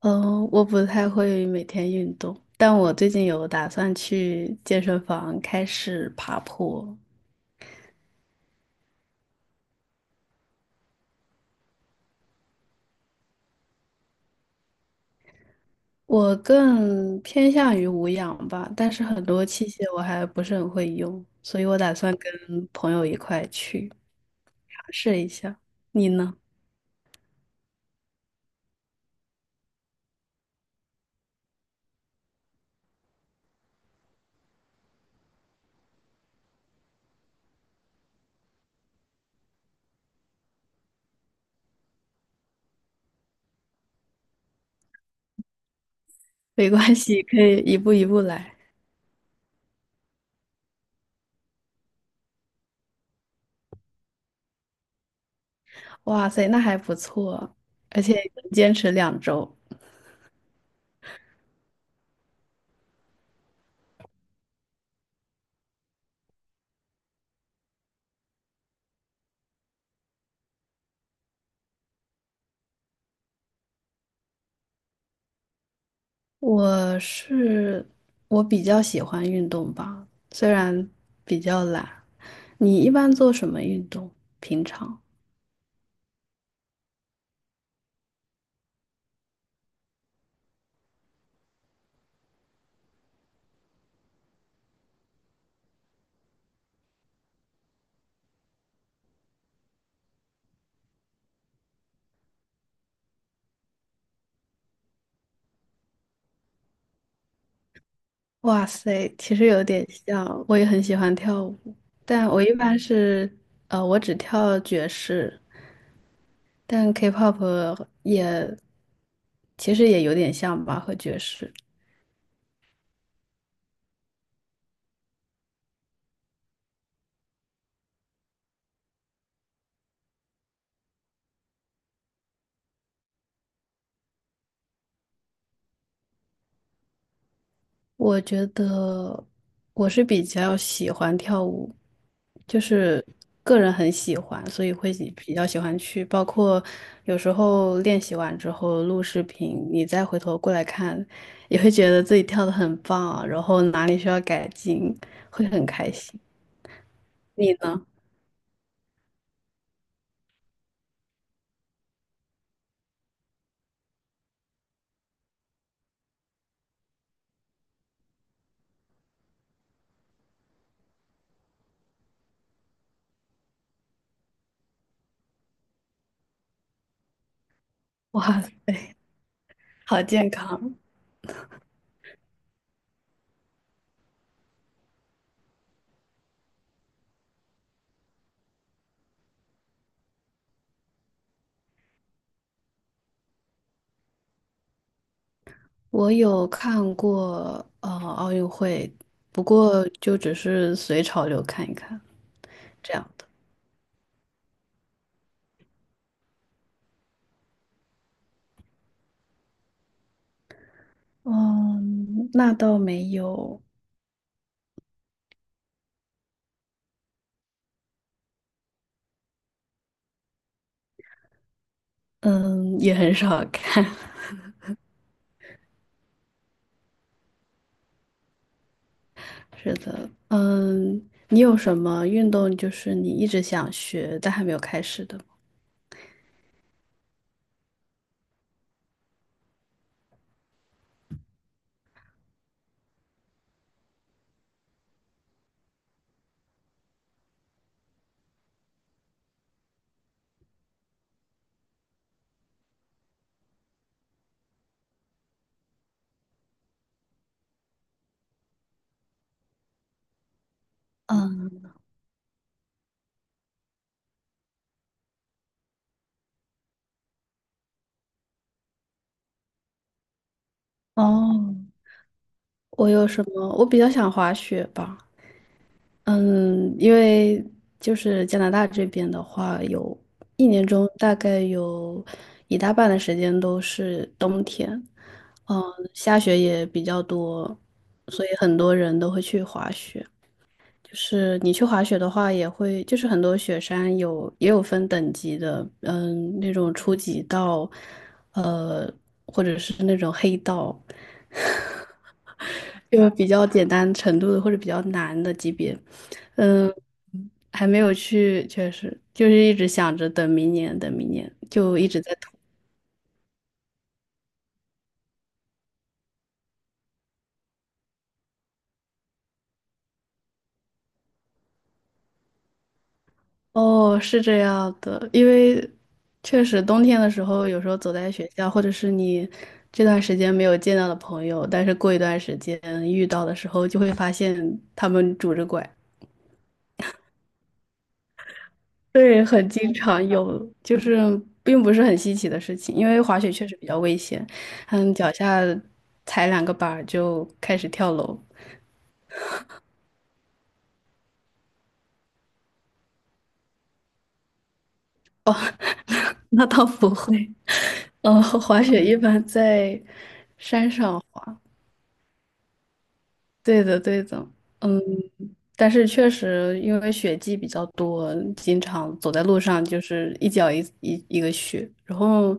嗯，我不太会每天运动，但我最近有打算去健身房开始爬坡。我更偏向于无氧吧，但是很多器械我还不是很会用，所以我打算跟朋友一块去尝试一下。你呢？没关系，可以一步一步来。哇塞，那还不错，而且能坚持两周。我是我比较喜欢运动吧，虽然比较懒。你一般做什么运动？平常？哇塞，其实有点像，我也很喜欢跳舞，但我一般是，我只跳爵士，但 K-pop 其实也有点像吧，和爵士。我觉得我是比较喜欢跳舞，就是个人很喜欢，所以比较喜欢去。包括有时候练习完之后录视频，你再回头过来看，也会觉得自己跳的很棒，然后哪里需要改进，会很开心。你呢？哇塞，好健康！我有看过奥运会，不过就只是随潮流看一看这样。嗯，那倒没有，嗯，也很少看。是的，嗯，你有什么运动就是你一直想学但还没有开始的吗？嗯，哦，我有什么？我比较想滑雪吧。嗯，因为就是加拿大这边的话，有一年中大概有一大半的时间都是冬天，嗯，下雪也比较多，所以很多人都会去滑雪。就是你去滑雪的话，也会就是很多雪山有也有分等级的，嗯，那种初级道，呃，或者是那种黑道，就是比较简单程度的或者比较难的级别，嗯，还没有去，确实就是一直想着等明年，等明年，就一直在拖。哦，是这样的，因为确实冬天的时候，有时候走在学校，或者是你这段时间没有见到的朋友，但是过一段时间遇到的时候，就会发现他们拄着拐。对，很经常有，就是并不是很稀奇的事情，因为滑雪确实比较危险，嗯，脚下踩两个板儿就开始跳楼。哦，那倒不会，嗯，滑雪一般在山上。滑。对的，对的，嗯，但是确实因为雪季比较多，经常走在路上就是一脚一个雪，然后，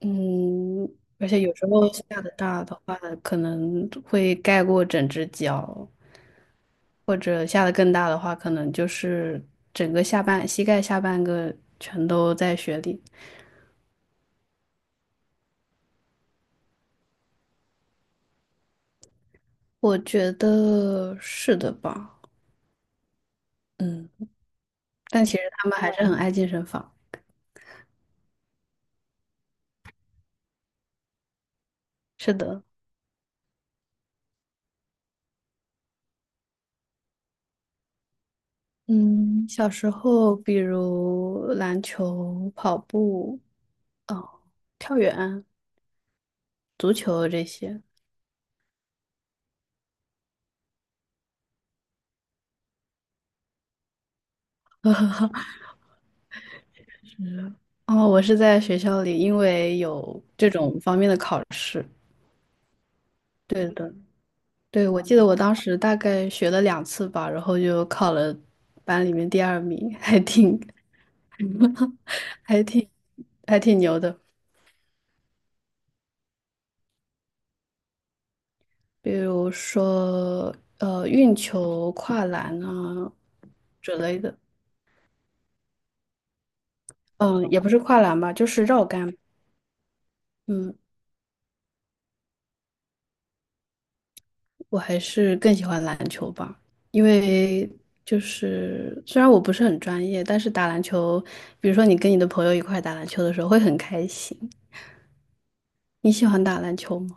嗯，而且有时候下的大的话，可能会盖过整只脚，或者下的更大的话，可能就是整个下半膝盖下半个全都在雪里。我觉得是的吧，嗯，但其实他们还是很爱健身房，是的。嗯，小时候比如篮球、跑步、哦，跳远、足球这些。哦，我是在学校里，因为有这种方面的考试。对的，对，我记得我当时大概学了两次吧，然后就考了班里面第二名，还挺还挺牛的。比如说，运球、跨栏啊之类的。嗯，也不是跨栏吧，就是绕杆。嗯，我还是更喜欢篮球吧，因为就是虽然我不是很专业，但是打篮球，比如说你跟你的朋友一块打篮球的时候会很开心。你喜欢打篮球吗？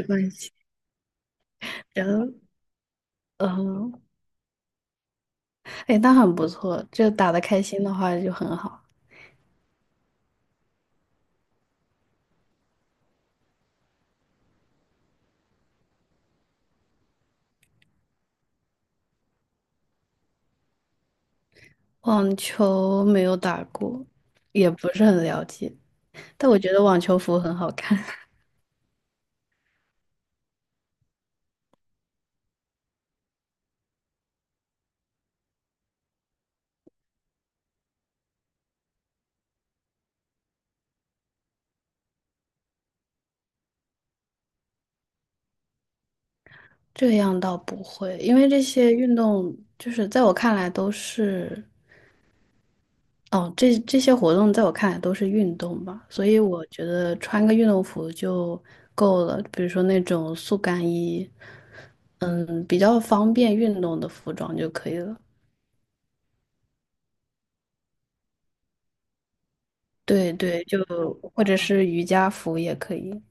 没关系，然后嗯，哎，那很不错，就打得开心的话就很好。网球没有打过，也不是很了解，但我觉得网球服很好看。这样倒不会，因为这些运动就是在我看来都是。哦，这些活动在我看来都是运动吧，所以我觉得穿个运动服就够了。比如说那种速干衣，嗯，比较方便运动的服装就可以了。对对,或者是瑜伽服也可以。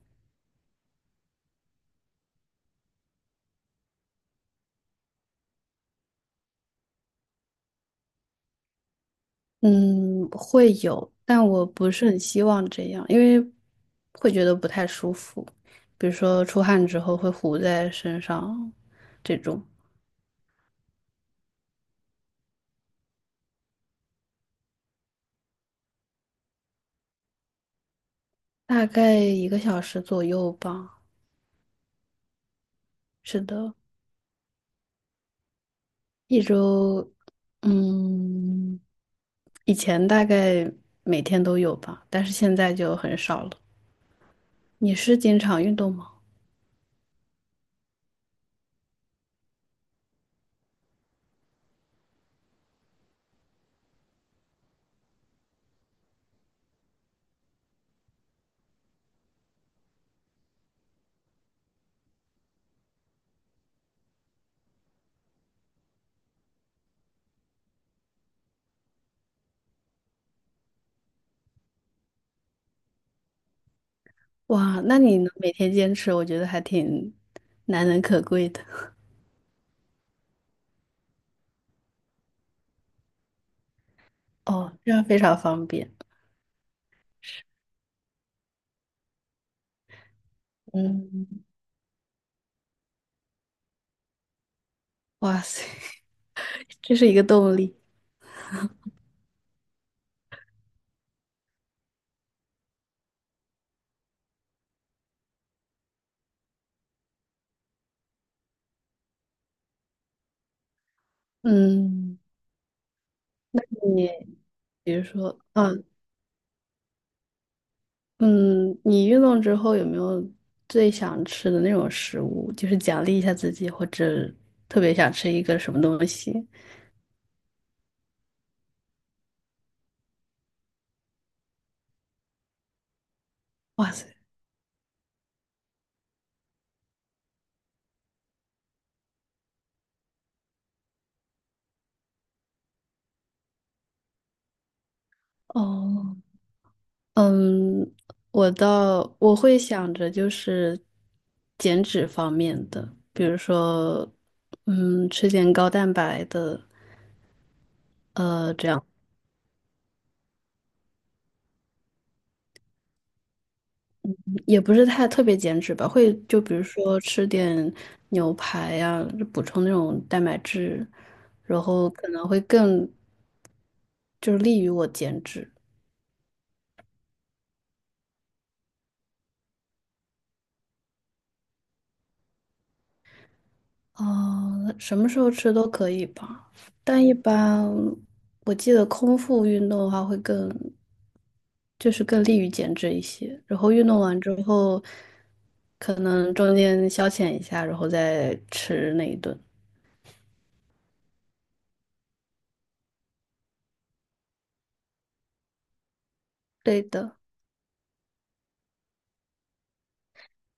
嗯，会有，但我不是很希望这样，因为会觉得不太舒服，比如说出汗之后会糊在身上，这种大概一个小时左右吧。是的，一周，嗯，以前大概每天都有吧，但是现在就很少了。你是经常运动吗？哇，那你能每天坚持，我觉得还挺难能可贵的。哦，这样非常方便。嗯，哇塞，这是一个动力。嗯，你比如说，嗯，你运动之后有没有最想吃的那种食物，就是奖励一下自己，或者特别想吃一个什么东西？哇塞，哦，嗯，我会想着就是减脂方面的，比如说，嗯，吃点高蛋白的，这样也不是太特别减脂吧，会就比如说吃点牛排呀、补充那种蛋白质，然后可能会更就是利于我减脂。啊，什么时候吃都可以吧，但一般我记得空腹运动的话会更。就是更利于减脂一些。然后运动完之后，可能中间消遣一下，然后再吃那一顿。对的。